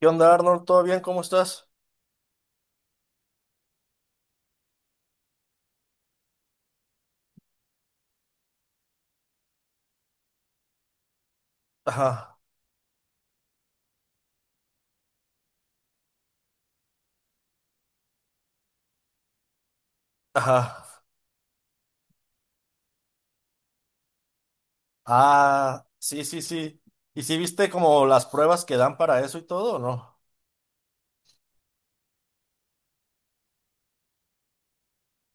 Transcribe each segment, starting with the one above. ¿Qué onda, Arnold? ¿Todo bien? ¿Cómo estás? Ajá, ajá. Ah, sí, sí, sí. ¿Y si viste como las pruebas que dan para eso y todo, o no?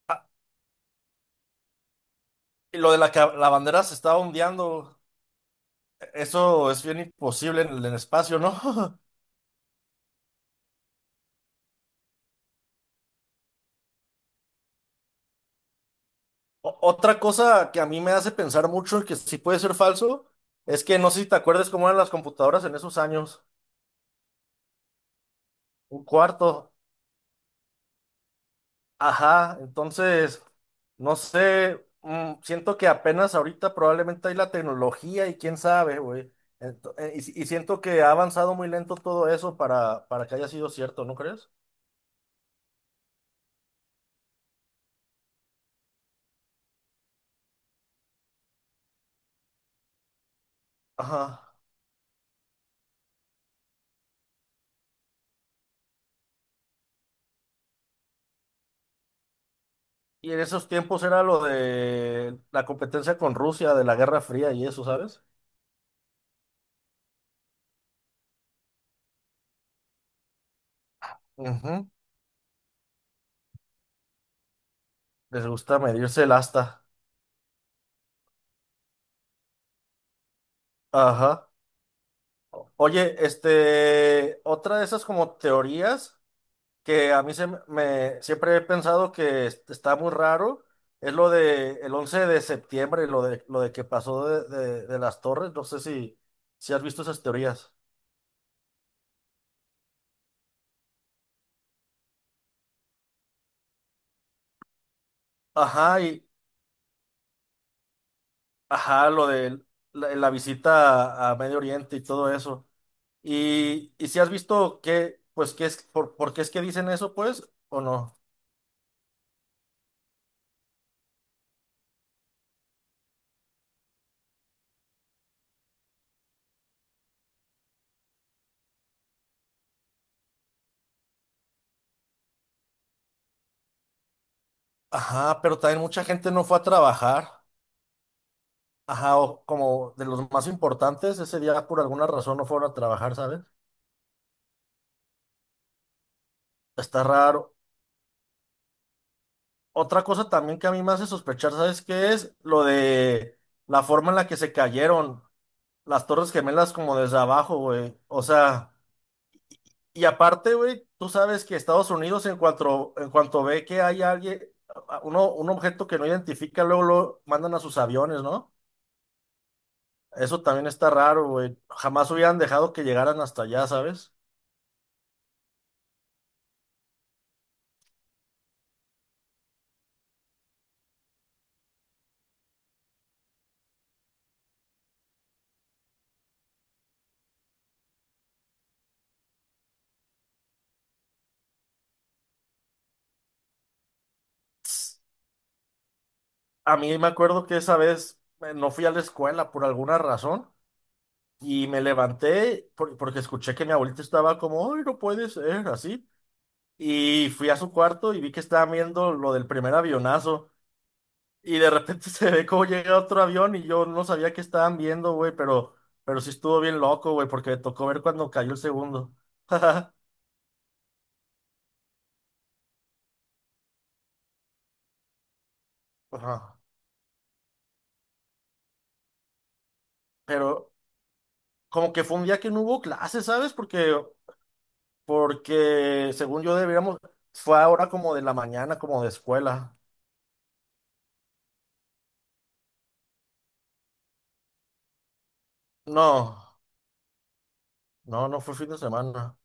Ah, y lo de la que la bandera se estaba ondeando, eso es bien imposible en el espacio, ¿no? Otra cosa que a mí me hace pensar mucho y que sí puede ser falso, es que no sé si te acuerdas cómo eran las computadoras en esos años. Un cuarto. Ajá, entonces, no sé, siento que apenas ahorita probablemente hay la tecnología y quién sabe, güey. Ento- Y, si- y siento que ha avanzado muy lento todo eso para que haya sido cierto, ¿no crees? Ajá. Y en esos tiempos era lo de la competencia con Rusia, de la Guerra Fría y eso, ¿sabes? Ujú. Les gusta medirse el asta. Ajá. Oye, otra de esas como teorías. Que a mí siempre he pensado que está muy raro, es lo de el 11 de septiembre, lo de, de las torres, no sé si, si has visto esas teorías. Ajá, y ajá, lo de la visita a Medio Oriente y todo eso. Y si has visto que, pues, por qué es que dicen eso, pues, o no. Ajá, pero también mucha gente no fue a trabajar. Ajá, o como de los más importantes, ese día por alguna razón no fueron a trabajar, ¿sabes? Está raro. Otra cosa también que a mí me hace sospechar, ¿sabes qué es? Lo de la forma en la que se cayeron las Torres Gemelas como desde abajo, güey. O sea, y aparte, güey, tú sabes que Estados Unidos en cuanto ve que hay alguien, un objeto que no identifica, luego lo mandan a sus aviones, ¿no? Eso también está raro, güey. Jamás hubieran dejado que llegaran hasta allá, ¿sabes? Tss, A mí me acuerdo que esa vez no fui a la escuela por alguna razón. Y me levanté porque escuché que mi abuelita estaba como, ay, no puede ser, así. Y fui a su cuarto y vi que estaban viendo lo del primer avionazo. Y de repente se ve cómo llega otro avión y yo no sabía qué estaban viendo, güey, pero sí estuvo bien loco, güey, porque me tocó ver cuando cayó el segundo. Ajá. Pero como que fue un día que no hubo clases, ¿sabes? Porque según yo deberíamos, fue ahora como de la mañana, como de escuela. No, no fue fin de semana.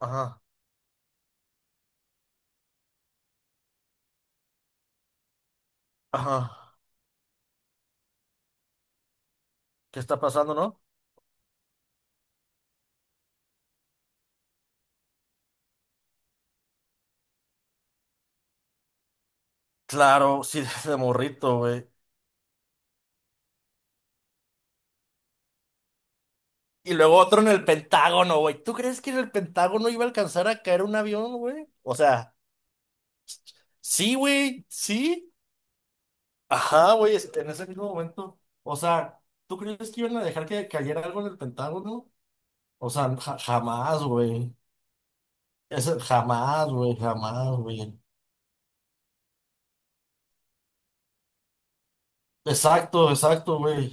Ajá. Ajá. ¿Qué está pasando, no? Claro, sí, desde morrito, güey. Y luego otro en el Pentágono, güey. ¿Tú crees que en el Pentágono iba a alcanzar a caer un avión, güey? O sea, sí, güey, sí. Ajá, güey, en ese mismo momento. O sea, ¿tú crees que iban a dejar que cayera algo en el Pentágono? O sea, jamás, güey. Jamás, güey, jamás, güey. Exacto, exacto, güey.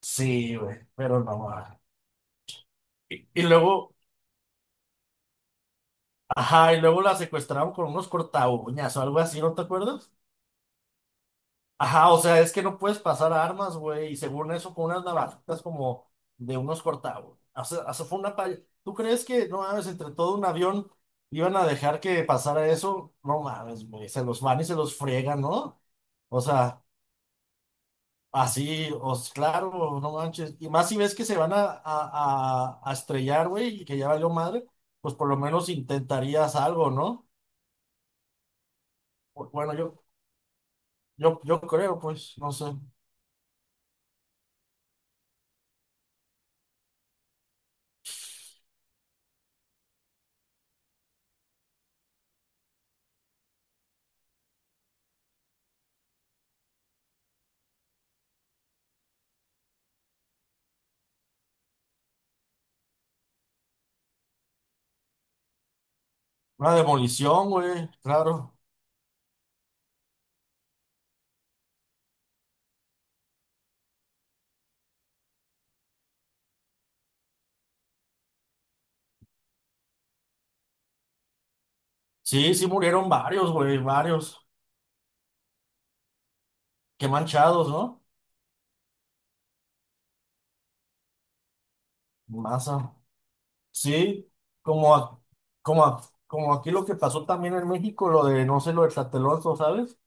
Sí, güey, pero no, güey. Y luego. Ajá, y luego la secuestraron con unos cortaúñas o algo así, ¿no te acuerdas? Ajá, o sea, es que no puedes pasar armas, güey, y según eso, con unas navajitas como de unos cortaúñas. O sea, eso fue una palla. ¿Tú crees que, no mames, entre todo un avión iban a dejar que pasara eso? No mames, güey, se los van y se los friegan, ¿no? O sea, así, os, claro, no manches. Y más si ves que se van a estrellar, güey, y que ya valió madre, pues por lo menos intentarías algo, ¿no? Bueno, yo. Yo creo, pues, no sé. Una demolición, güey, claro. Sí, sí murieron varios, güey, varios. Qué manchados, ¿no? Masa. Sí, como, a- como, como aquí lo que pasó también en México, lo de, no sé, lo de Tlatelolco, ¿sabes?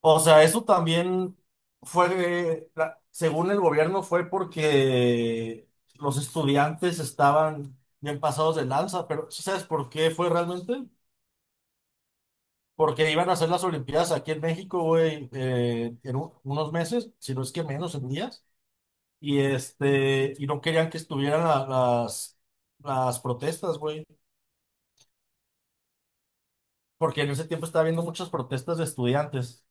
O sea, eso también fue, según el gobierno, fue porque los estudiantes estaban bien pasados de lanza, pero ¿sí sabes por qué fue realmente? Porque iban a hacer las Olimpiadas aquí en México, güey, en unos meses, si no es que menos, en días. Y este, y no querían que estuvieran las protestas, güey. Porque en ese tiempo estaba habiendo muchas protestas de estudiantes.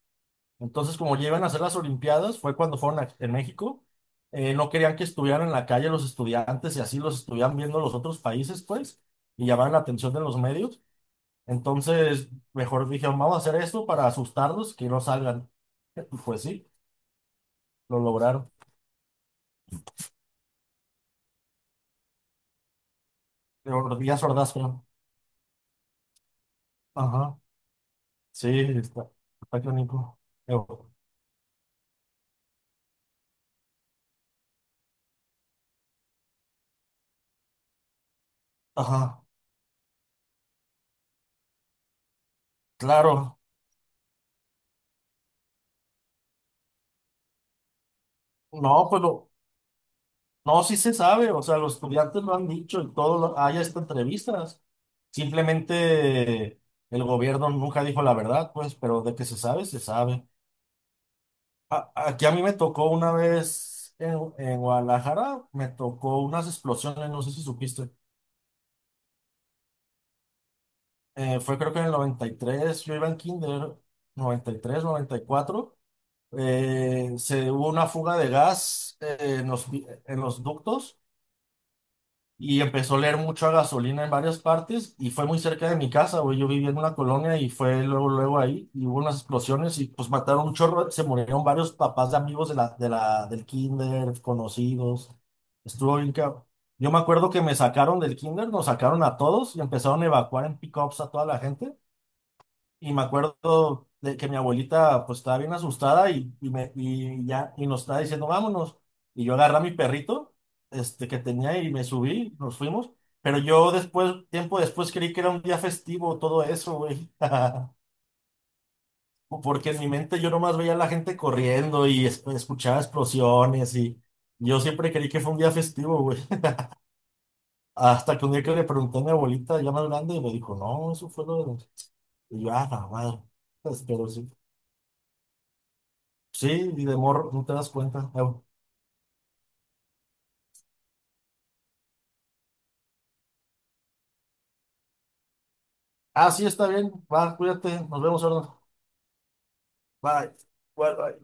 Entonces, como ya iban a hacer las Olimpiadas, fue cuando en México. Eh, no querían que estuvieran en la calle los estudiantes y así los estuvieran viendo los otros países, pues, y llamaban la atención de los medios. Entonces, mejor dijeron, vamos a hacer esto para asustarlos, que no salgan. Pues sí, lo lograron. De Díaz Ordaz, creo. Ajá, sí, está, está canijo. Pero, ajá, claro. No, pues lo, no, sí se sabe, o sea, los estudiantes lo han dicho y todo, hay hasta entrevistas. Simplemente el gobierno nunca dijo la verdad, pues, pero de que se sabe, se sabe. Aquí a mí me tocó una vez en Guadalajara, me tocó unas explosiones, no sé si supiste. Fue creo que en el 93, yo iba en kinder, 93, 94. Se hubo una fuga de gas en los, en los ductos y empezó a leer mucho a gasolina en varias partes y fue muy cerca de mi casa, güey. Yo vivía en una colonia y fue luego, luego ahí y hubo unas explosiones y pues mataron un chorro, se murieron varios papás de amigos de del kinder, conocidos. Estuvo bien cabrón. Yo me acuerdo que me sacaron del kinder, nos sacaron a todos y empezaron a evacuar en pick-ups a toda la gente. Y me acuerdo de que mi abuelita pues estaba bien asustada y me, y ya y nos estaba diciendo vámonos. Y yo agarré a mi perrito este, que tenía y me subí, nos fuimos. Pero yo después, tiempo después, creí que era un día festivo todo eso, güey. Porque en mi mente yo nomás veía a la gente corriendo y escuchaba explosiones y yo siempre creí que fue un día festivo, güey. Hasta que un día que le pregunté a mi abuelita ya más grande y me dijo, no, eso fue lo de... Y yo, ah, la madre. Pues, pero sí. Sí, y de morro, no te das cuenta. Ah, sí, está bien. Va, cuídate. Nos vemos, ahora. Bye. Bye, bye.